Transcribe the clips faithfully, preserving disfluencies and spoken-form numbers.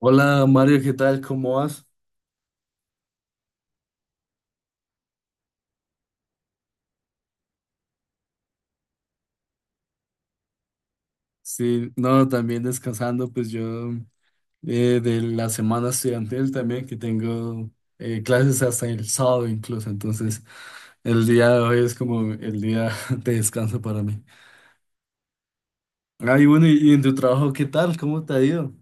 Hola Mario, ¿qué tal? ¿Cómo vas? Sí, no, también descansando, pues yo eh, de la semana estudiantil también, que tengo eh, clases hasta el sábado incluso, entonces el día de hoy es como el día de descanso para mí. Ah, y bueno, ¿y, y en tu trabajo qué tal? ¿Cómo te ha ido?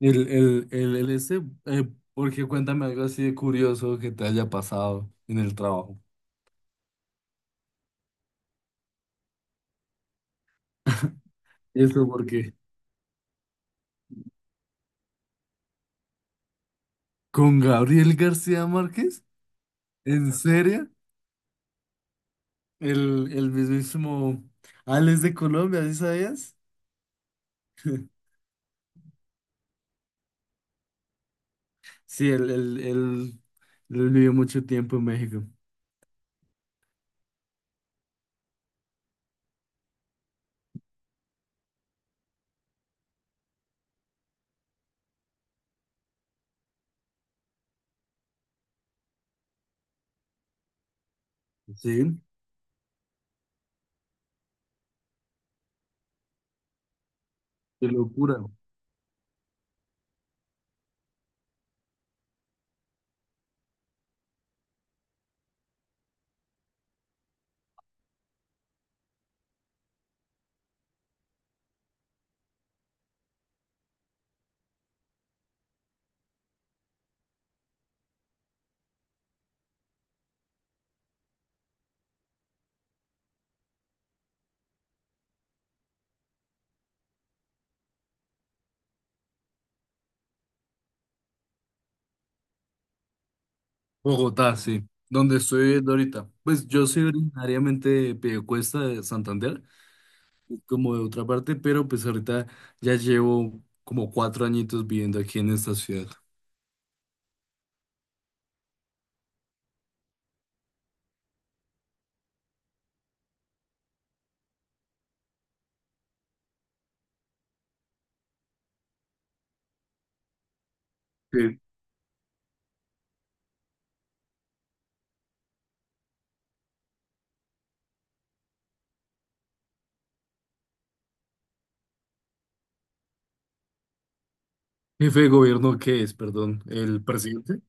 El, el, el, el este, eh, Porque cuéntame algo así de curioso que te haya pasado en el trabajo. ¿Eso por qué? ¿Con Gabriel García Márquez? ¿En serio? El, el mismísimo Alex de Colombia, ¿sí sabías? Sí, él, él, él, él vivió mucho tiempo en México. Sí, qué locura. Bogotá, sí, donde estoy viviendo ahorita. Pues yo soy originariamente de Piedecuesta, de Santander, como de otra parte, pero pues ahorita ya llevo como cuatro añitos viviendo aquí en esta ciudad. Sí. ¿Jefe de gobierno qué es, perdón? ¿El presidente?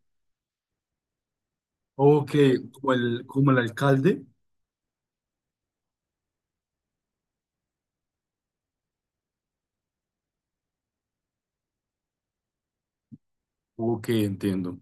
Ok, como el, como el alcalde. Ok, entiendo.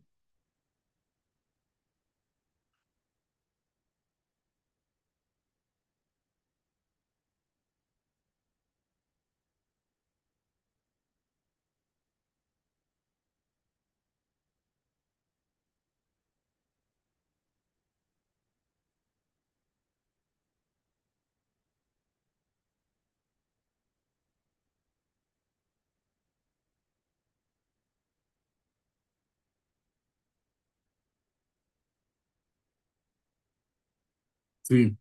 Sí.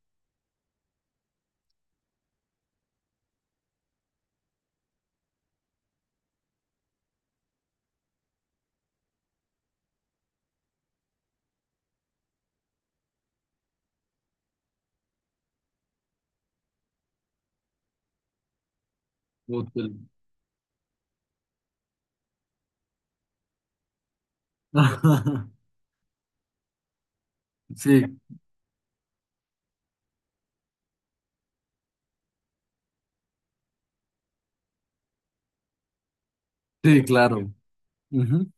Sí, sí, claro. Ujú,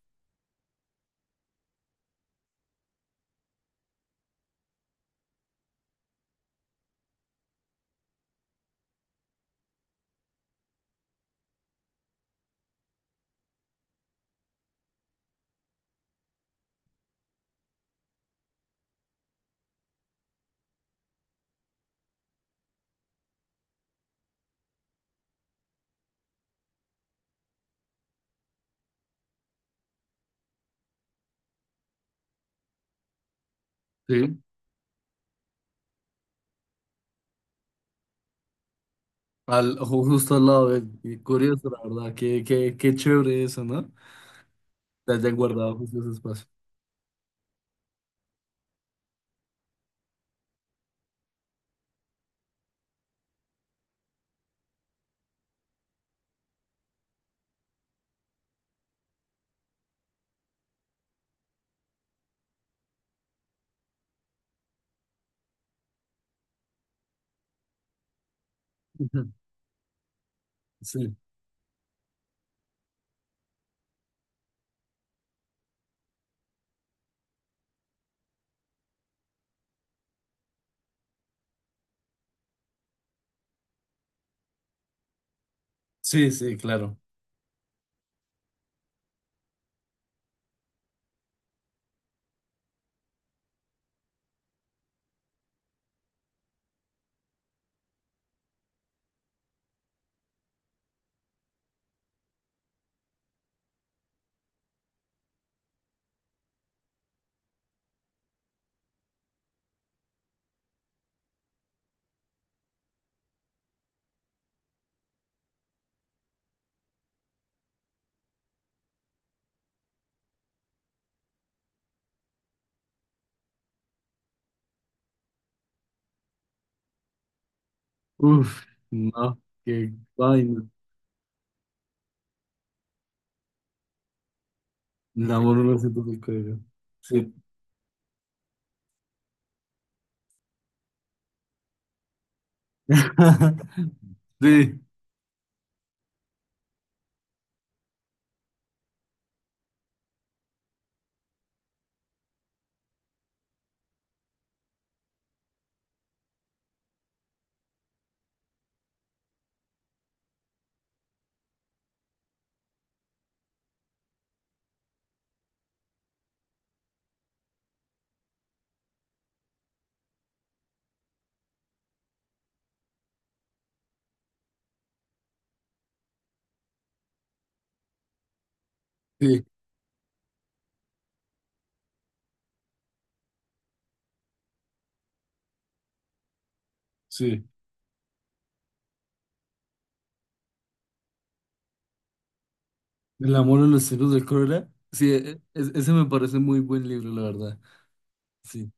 sí, al, ju- justo al lado de él. Y curioso, la verdad. Qué, qué, qué chévere eso, ¿no? Que hayan guardado justo ese espacio. Ujú. Sí, sí, sí, claro. Uf, no, qué vaina. El amor no lo siento del cuello. Sí. Sí, sí, sí. El amor en los cielos de Cólera. Sí, e- e- ese me parece muy buen libro, la verdad. Sí,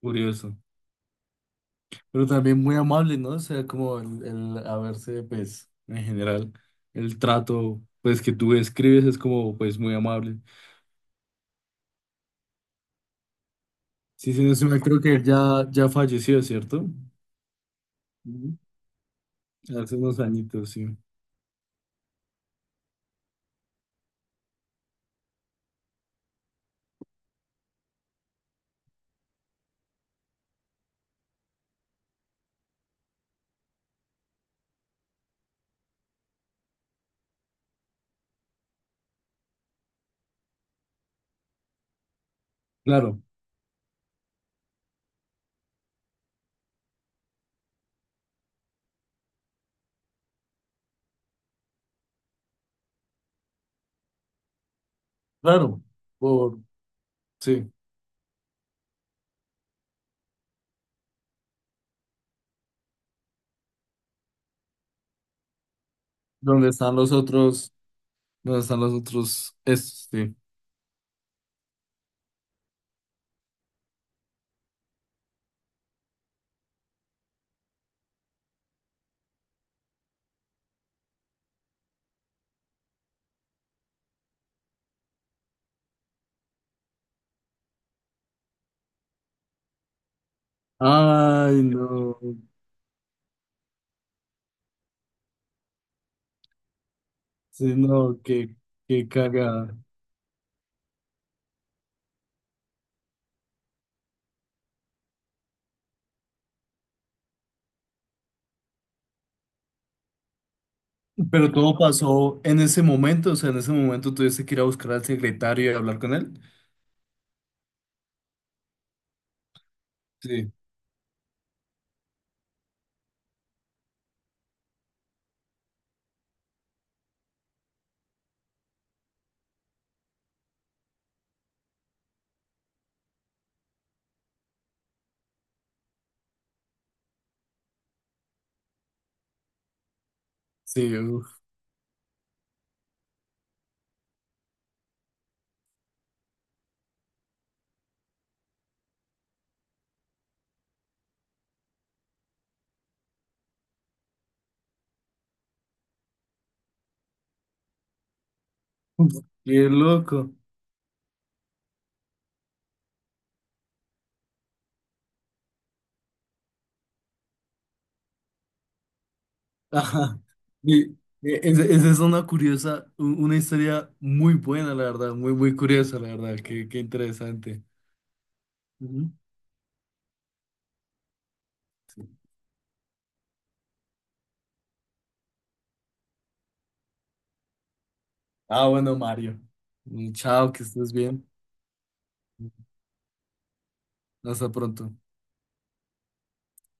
curioso. Pero también muy amable, ¿no? O sea, como el, el haberse, pues, en general, el trato, pues, que tú describes es como, pues, muy amable. Sí, sí, no sé, creo que ya, ya falleció, ¿cierto? Ujú. Hace unos añitos, sí. Claro, claro, por, sí. ¿Dónde están los otros, ¿Dónde están los otros, estos, sí. Ay, no, sí, no, qué, qué cagada. Pero todo pasó en ese momento, o sea, en ese momento tuviste que ir a buscar al secretario y hablar con él. Sí, sí, uf, uf, qué loco. Ajá. Y, e- esa esa es una curiosa, u- una historia muy buena, la verdad, muy, muy curiosa, la verdad, qué, qué interesante. Ujú. Ah, bueno, Mario. Mm, chao, que estés bien. Hasta pronto.